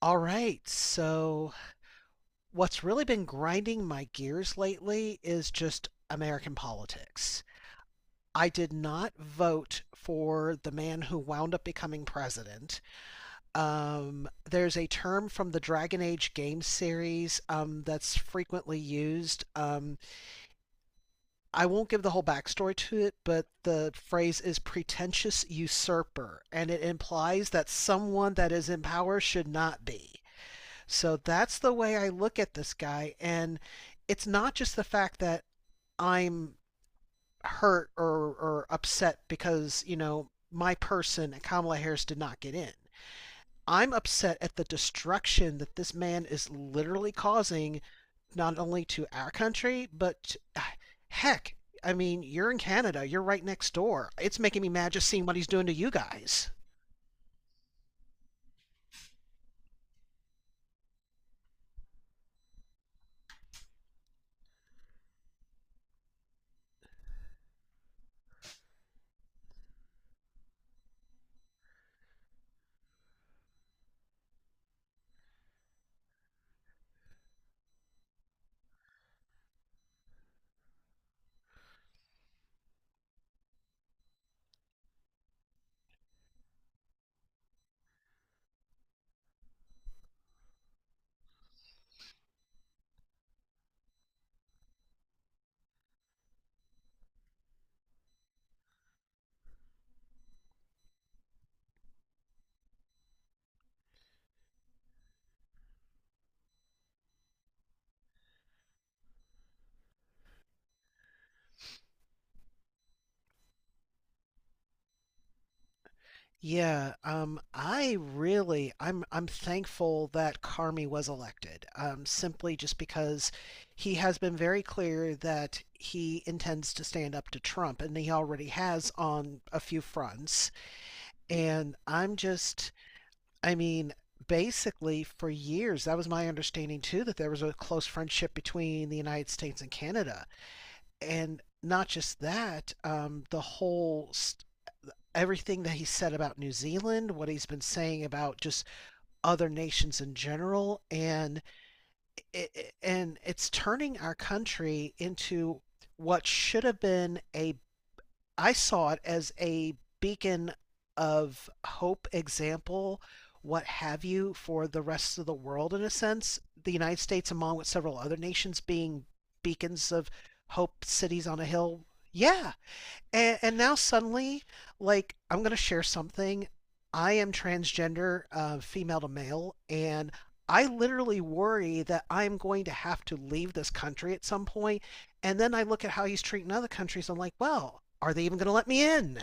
All right. So, what's really been grinding my gears lately is just American politics. I did not vote for the man who wound up becoming president. There's a term from the Dragon Age game series that's frequently used. I won't give the whole backstory to it, but the phrase is pretentious usurper, and it implies that someone that is in power should not be. So that's the way I look at this guy. And it's not just the fact that I'm hurt or upset because, my person, Kamala Harris, did not get in. I'm upset at the destruction that this man is literally causing, not only to our country, but heck, I mean, you're in Canada, you're right next door. It's making me mad just seeing what he's doing to you guys. Yeah, I'm thankful that Carmi was elected, simply just because he has been very clear that he intends to stand up to Trump, and he already has on a few fronts. And I mean, basically for years, that was my understanding too, that there was a close friendship between the United States and Canada, and not just that. Everything that he said about New Zealand, what he's been saying about just other nations in general, and it's turning our country into what should have been a I saw it as a beacon of hope, example, what have you, for the rest of the world in a sense. The United States, among with several other nations, being beacons of hope, cities on a hill. Yeah, and now suddenly, like, I'm going to share something. I am transgender, female to male, and I literally worry that I'm going to have to leave this country at some point. And then I look at how he's treating other countries. I'm like, well, are they even going to let me in?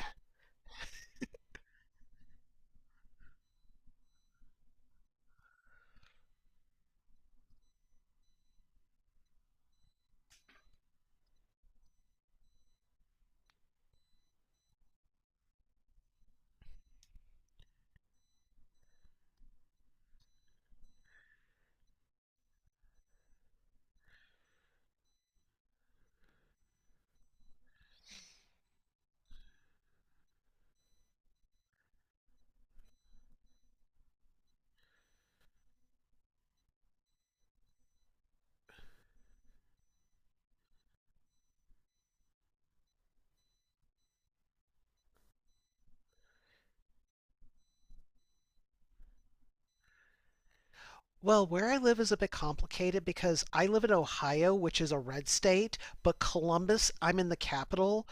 Well, where I live is a bit complicated because I live in Ohio, which is a red state, but Columbus, I'm in the capital.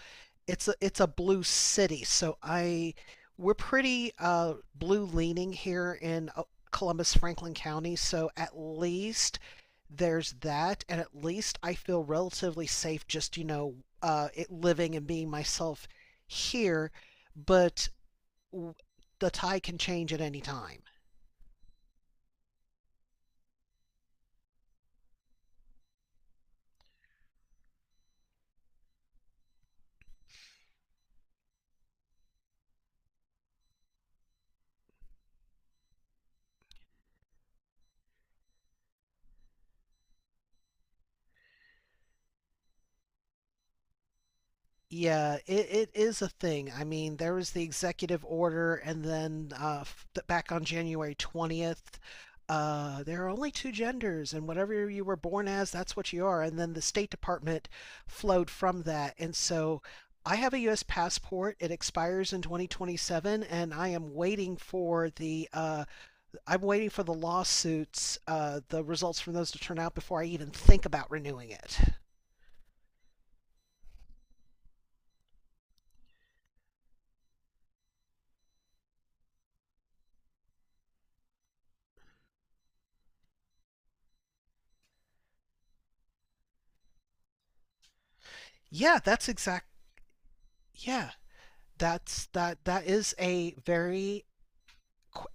It's a blue city, so I we're pretty blue leaning here in Columbus, Franklin County. So at least there's that, and at least I feel relatively safe just, you know, it living and being myself here. But w- the tide can change at any time. Yeah, it is a thing. I mean, there was the executive order, and then back on January 20th, there are only two genders, and whatever you were born as, that's what you are. And then the State Department flowed from that. And so I have a U.S. passport. It expires in 2027, and I'm waiting for the lawsuits, the results from those to turn out before I even think about renewing it. Yeah, that's exact. Yeah, that is a very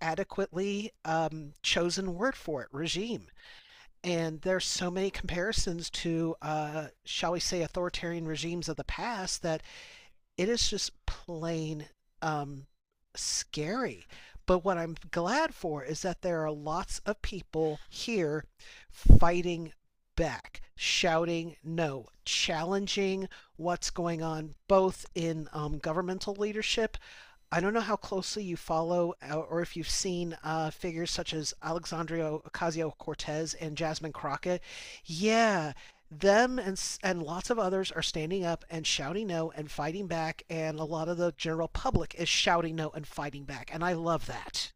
adequately chosen word for it, regime. And there's so many comparisons to shall we say, authoritarian regimes of the past, that it is just plain um, scary. But what I'm glad for is that there are lots of people here fighting back, shouting no, challenging what's going on both in governmental leadership. I don't know how closely you follow, or if you've seen, figures such as Alexandria Ocasio Cortez and Jasmine Crockett. Yeah, them, and lots of others are standing up and shouting no and fighting back, and a lot of the general public is shouting no and fighting back, and I love that.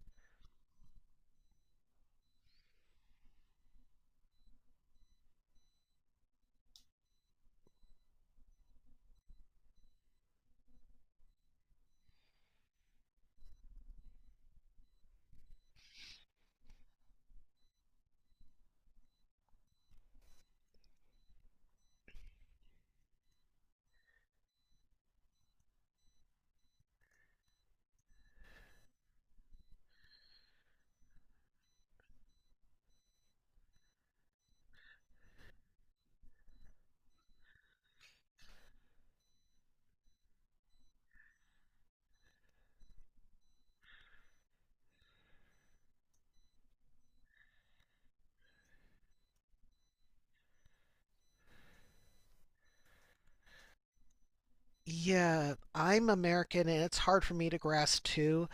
Yeah, I'm American and it's hard for me to grasp too.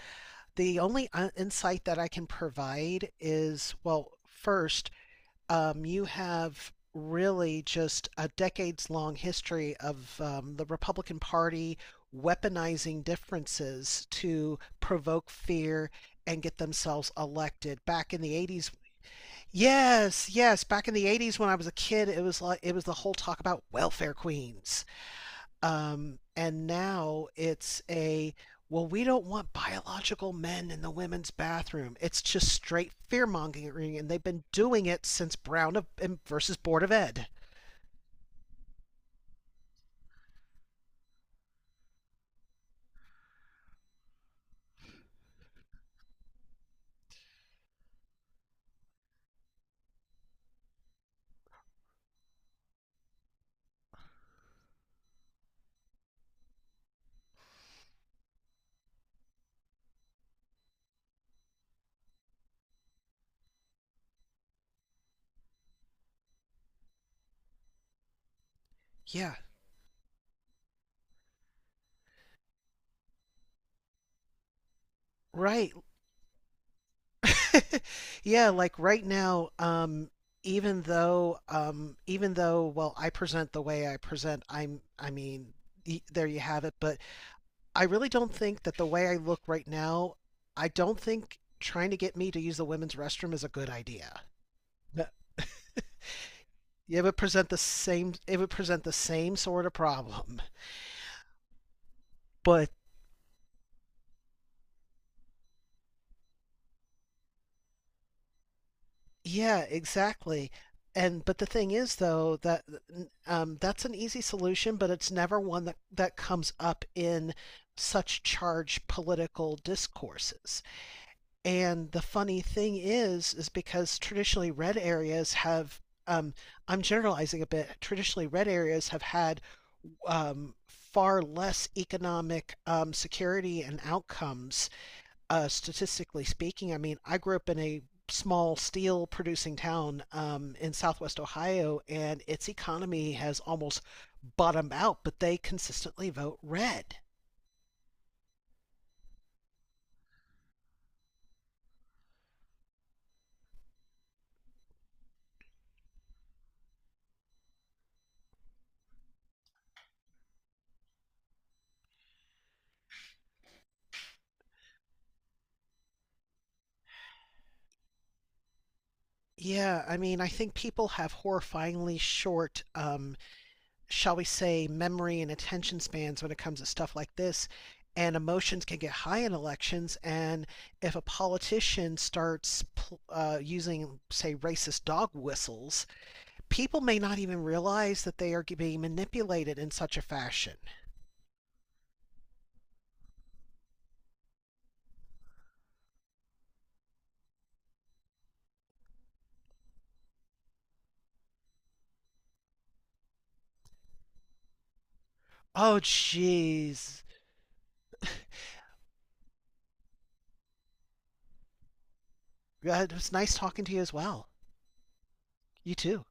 The only insight that I can provide is, well, first, you have really just a decades long history of the Republican Party weaponizing differences to provoke fear and get themselves elected back in the 80s. Yes, yes, back in the 80s when I was a kid, it was like, it was the whole talk about welfare queens. And now, well, we don't want biological men in the women's bathroom. It's just straight fear mongering, and they've been doing it since Brown of, versus Board of Ed. Yeah, right. Yeah, like right now, even though, well, I present the way I present, I mean, there you have it. But I really don't think that the way I look right now, I don't think trying to get me to use the women's restroom is a good idea. It would present the same. It would present the same sort of problem. But yeah, exactly. And but the thing is, though, that that's an easy solution, but it's never one that comes up in such charged political discourses. And the funny thing is because traditionally red areas have, um, I'm generalizing a bit, traditionally red areas have had far less economic security and outcomes, statistically speaking. I mean, I grew up in a small steel producing town in southwest Ohio, and its economy has almost bottomed out, but they consistently vote red. Yeah, I mean, I think people have horrifyingly short, shall we say, memory and attention spans when it comes to stuff like this. And emotions can get high in elections. And if a politician starts using, say, racist dog whistles, people may not even realize that they are being manipulated in such a fashion. Oh, jeez. It was nice talking to you as well. You too.